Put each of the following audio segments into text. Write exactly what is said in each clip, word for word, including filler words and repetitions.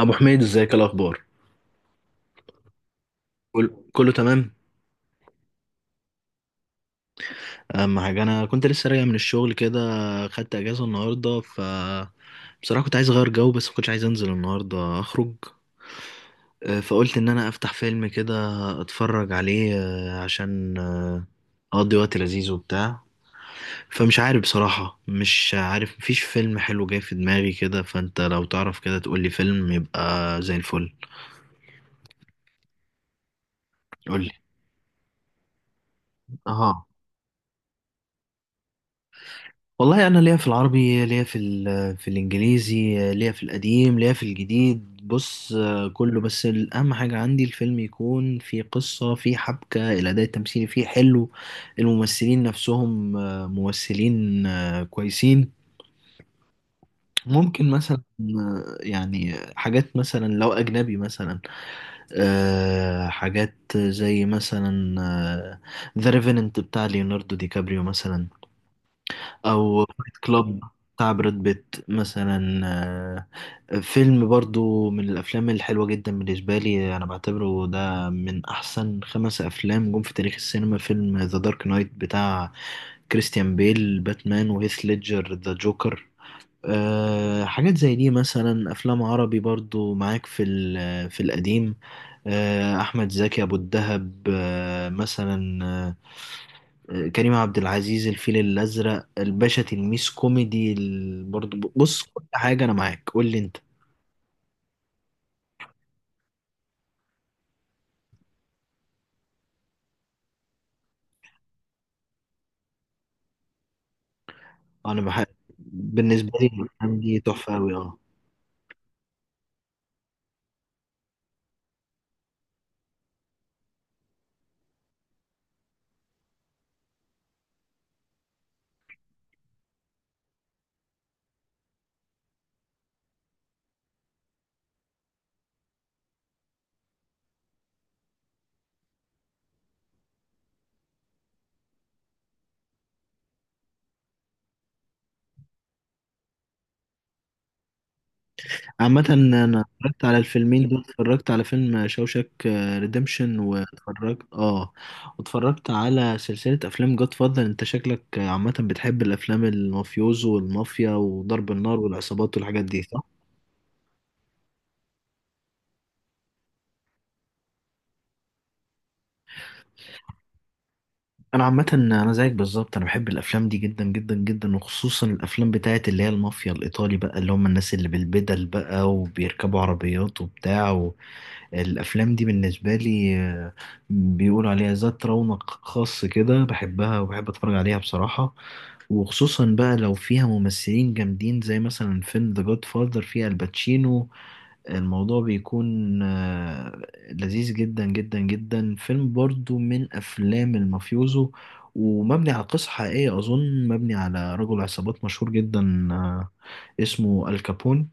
ابو حميد، ازيك؟ إيه الاخبار؟ كل... كله تمام. اما حاجه، انا كنت لسه راجع من الشغل كده. خدت اجازه النهارده، ف بصراحه كنت عايز اغير جو، بس ما كنتش عايز انزل النهارده اخرج. أه، فقلت ان انا افتح فيلم كده، اتفرج عليه. أه، عشان أه، اقضي وقت لذيذ وبتاع. فمش عارف بصراحه، مش عارف، مفيش فيلم حلو جاي في دماغي كده. فانت لو تعرف كده، تقولي فيلم يبقى زي الفل. قولي. اه، والله انا ليا في العربي، ليا في ال- في الانجليزي، ليا في القديم، ليا في الجديد. بص، آه، كله، بس الاهم حاجه عندي الفيلم يكون فيه قصه، فيه حبكه، الاداء التمثيلي فيه حلو. الممثلين نفسهم آه، ممثلين آه، كويسين. ممكن مثلا آه، يعني حاجات مثلا لو اجنبي مثلا. آه، حاجات زي مثلا ذا ريفيننت بتاع ليوناردو دي كابريو مثلا، او فايت كلاب بتاع براد بيت مثلا. آه، فيلم برضو من الافلام الحلوه جدا بالنسبه لي، انا بعتبره ده من احسن خمس افلام جم في تاريخ السينما، فيلم ذا دارك نايت بتاع كريستيان بيل باتمان وهيث ليدجر ذا جوكر. أه حاجات زي دي مثلا. افلام عربي برضو معاك في ال- في القديم. أه احمد زكي ابو الدهب، أه مثلا، آه، كريم عبد العزيز الفيل الأزرق الباشا تلميذ كوميدي ال- برضه ب- بص، كل حاجة أنا معاك. قول لي أنت. أنا بحب بالنسبة لي الأفلام دي تحفة أوي أه عامة، أنا اتفرجت على الفيلمين دول. اتفرجت على فيلم شوشك آه، ريديمشن، واتفرجت أه واتفرجت على سلسلة أفلام جود فاذر. أنت شكلك آه، عامة بتحب الأفلام المافيوزو والمافيا وضرب النار والعصابات والحاجات دي، صح؟ انا عامه، انا زيك بالظبط، انا بحب الافلام دي جدا جدا جدا، وخصوصا الافلام بتاعت اللي هي المافيا الايطالي بقى، اللي هم الناس اللي بالبدل بقى وبيركبوا عربيات وبتاع و- الافلام دي بالنسبه لي آه، بيقولوا عليها ذات رونق خاص كده، بحبها وبحب اتفرج عليها بصراحه، وخصوصا بقى لو فيها ممثلين جامدين زي مثلا فيلم ذا جاد فاذر فيه الباتشينو. الموضوع بيكون آه، لذيذ جدا جدا جدا. فيلم برضو من أفلام المافيوزو ومبني على قصة حقيقية، أظن مبني على رجل عصابات مشهور جدا آه، اسمه الكابون.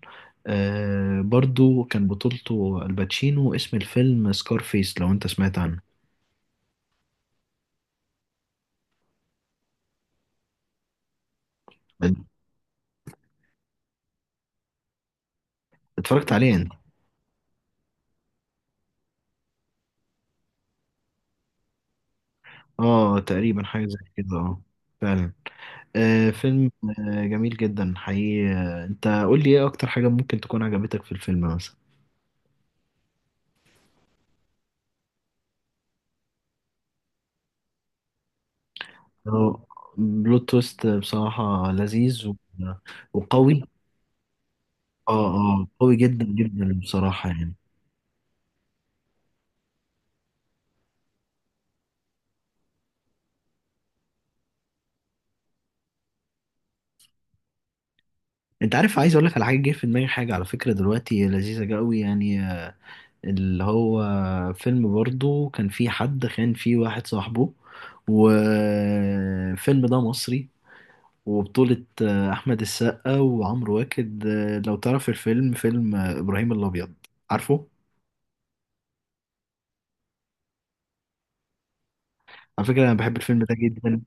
آه، برضو كان بطولته الباتشينو، اسم الفيلم سكارفيس، لو أنت سمعت عنه. اتفرجت عليه أنت؟ اه، تقريبا حاجة زي كده، اه. فعلا. آه، فيلم آه، جميل جدا حقيقي. آه، انت قول لي ايه اكتر حاجة ممكن تكون عجبتك في الفيلم مثلا. اه، بلوت تويست بصراحة لذيذ و... وقوي. اه، اه، قوي جدا جدا بصراحة، يعني. انت عارف عايز اقول لك على حاجة جه في دماغي، حاجة على فكرة دلوقتي لذيذة قوي يعني. آه، اللي هو فيلم برضو كان فيه حد خان فيه واحد صاحبه، والفيلم ده مصري، وبطولة آه، أحمد السقا وعمرو واكد. آه، لو تعرف الفيلم، فيلم آه، إبراهيم الأبيض، عارفه؟ على فكرة أنا بحب الفيلم ده جدا.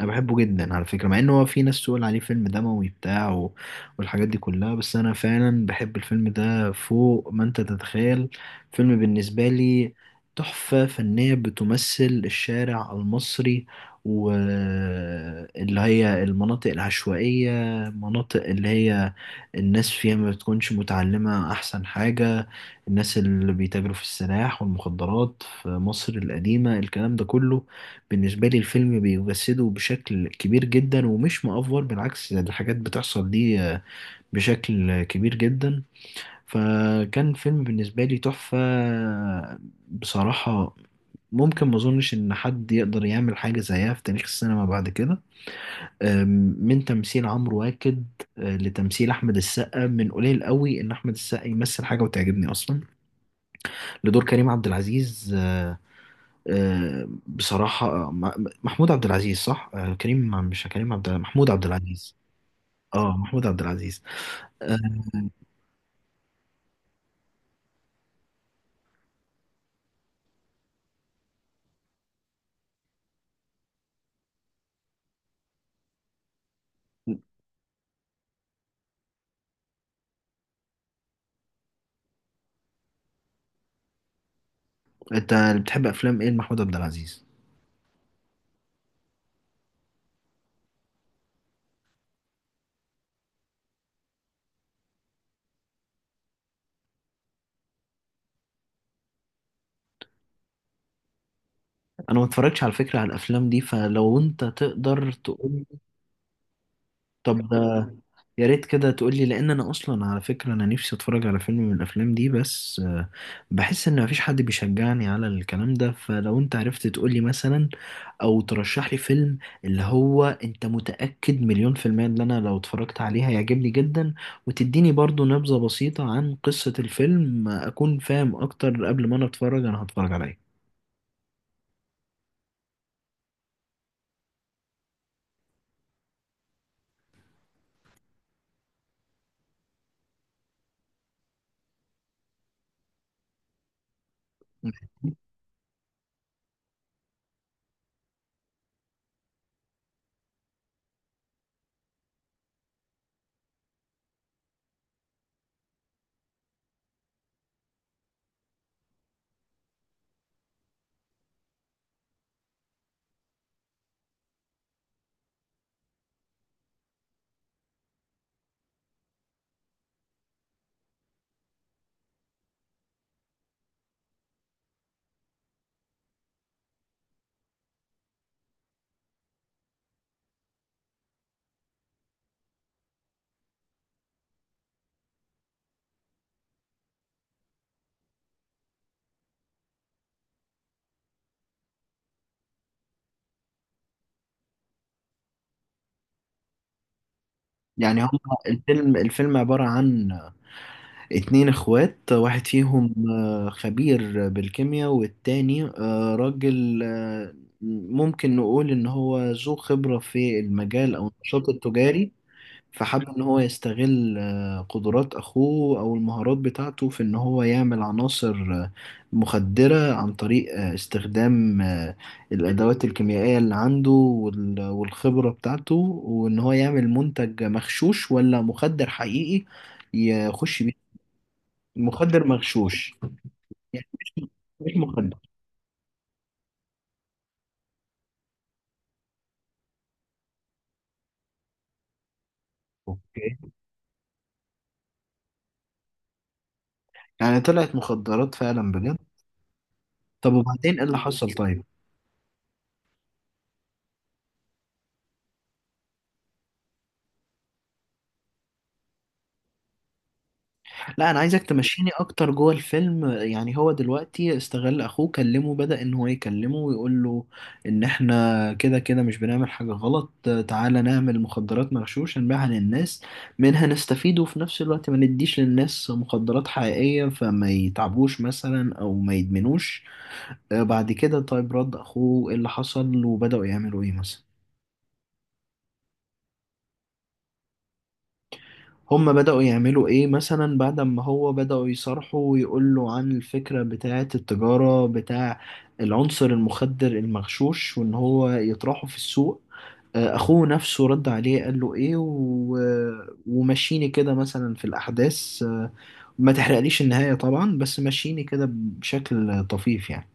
انا بحبه جدا على فكره، مع ان هو في ناس تقول عليه فيلم دموي بتاع و- والحاجات دي كلها، بس انا فعلا بحب الفيلم ده فوق ما انت تتخيل. فيلم بالنسبه لي تحفه فنيه بتمثل الشارع المصري، واللي هي المناطق العشوائيه، مناطق اللي هي الناس فيها ما بتكونش متعلمه، احسن حاجه الناس اللي بيتاجروا في السلاح والمخدرات في مصر القديمه. الكلام ده كله بالنسبة لي الفيلم بيجسده بشكل كبير جدا، ومش مأفور، بالعكس، ده الحاجات بتحصل دي آه، بشكل آه، كبير جدا. فكان فيلم بالنسبة لي تحفة بصراحة. ممكن ما اظنش ان حد يقدر يعمل حاجة زيها في تاريخ السينما بعد كده. آم، من تمثيل عمرو واكد آه، لتمثيل احمد السقا، من قليل قوي ان احمد السقا يمثل حاجة وتعجبني اصلا، لدور كريم عبد العزيز. آه، آه، بصراحة آه، م- محمود عبد العزيز، صح؟ آه، كريم مش كريم عبد، محمود عبد العزيز. اه، محمود عبد العزيز. آه، انت بتحب افلام ايه لمحمود عبد العزيز؟ انا ما اتفرجتش على فكرة على الافلام دي، فلو انت تقدر تقول. طب ده، يا ريت كده تقولي، لان انا اصلا على فكره انا نفسي اتفرج على فيلم من الافلام دي، بس آه، بحس ان مفيش حد بيشجعني على الكلام ده. فلو انت عرفت تقولي مثلا او ترشح لي فيلم، اللي هو انت متاكد مليون في الميه ان انا لو اتفرجت عليه هيعجبني جدا، وتديني برضو نبذه بسيطه عن قصه الفيلم، آه، اكون فاهم اكتر قبل ما انا اتفرج انا هتفرج على ايه. يعني هو الفيلم الفيلم عباره عن اتنين اخوات، واحد فيهم آه، خبير بالكيمياء، والتاني آه، راجل، آه، ممكن نقول ان هو ذو خبرة في المجال او النشاط التجاري. فحب ان هو يستغل آه، قدرات اخوه او المهارات بتاعته في ان هو يعمل عناصر آه، مخدرة عن طريق آه، استخدام آه، الادوات الكيميائية اللي عنده وال- والخبرة بتاعته، وان هو يعمل منتج مغشوش ولا مخدر حقيقي يخش. مخدر مغشوش. مش مخدر. اوكي، يعني طلعت مخدرات فعلا بجد؟ طب وبعدين ايه اللي حصل، طيب؟ لا، انا عايزك تمشيني اكتر جوه الفيلم. يعني هو دلوقتي استغل اخوه، كلمه، بدأ ان هو يكلمه ويقول له ان احنا كده كده مش بنعمل حاجة غلط، تعالى نعمل مخدرات مغشوش نبيعها للناس، منها نستفيد، وفي نفس الوقت ما نديش للناس مخدرات حقيقية فما يتعبوش مثلا او ما يدمنوش. آه، بعد كده، طيب، رد اخوه ايه اللي حصل، وبدأوا يعملوا ايه مثلا؟ هم بدأوا يعملوا ايه مثلا بعد ما هو بدأوا يصرحوا ويقولوا عن الفكرة بتاعة التجارة بتاع العنصر المخدر المغشوش، وان هو يطرحه في السوق؟ آه، اخوه نفسه رد عليه قال له ايه و... ومشيني كده مثلا في الاحداث. آه، ما تحرقليش النهاية طبعا، بس مشيني كده بشكل طفيف يعني.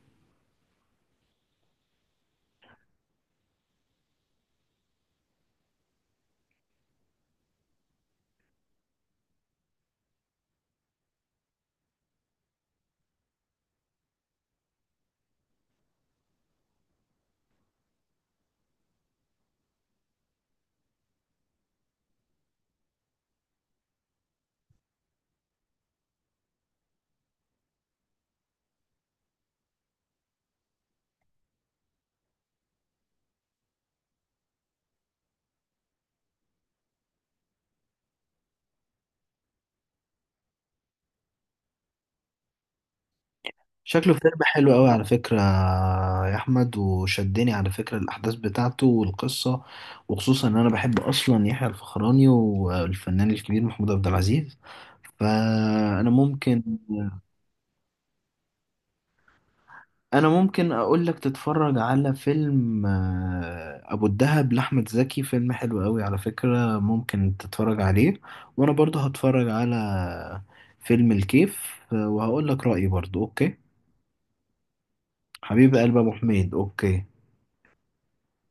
شكله فيلم حلو قوي على فكرة يا أحمد، وشدني على فكرة الأحداث بتاعته والقصة، وخصوصا إن أنا بحب أصلا يحيى الفخراني والفنان الكبير محمود عبد العزيز. فأنا ممكن أنا ممكن أقول لك تتفرج على فيلم آه، أبو الدهب لأحمد زكي، فيلم حلو قوي على فكرة ممكن تتفرج عليه. وأنا برضه هتفرج على فيلم الكيف، آه، وهقول لك رأيي برضه. أوكي، حبيب قلب أبو حميد. أوكي.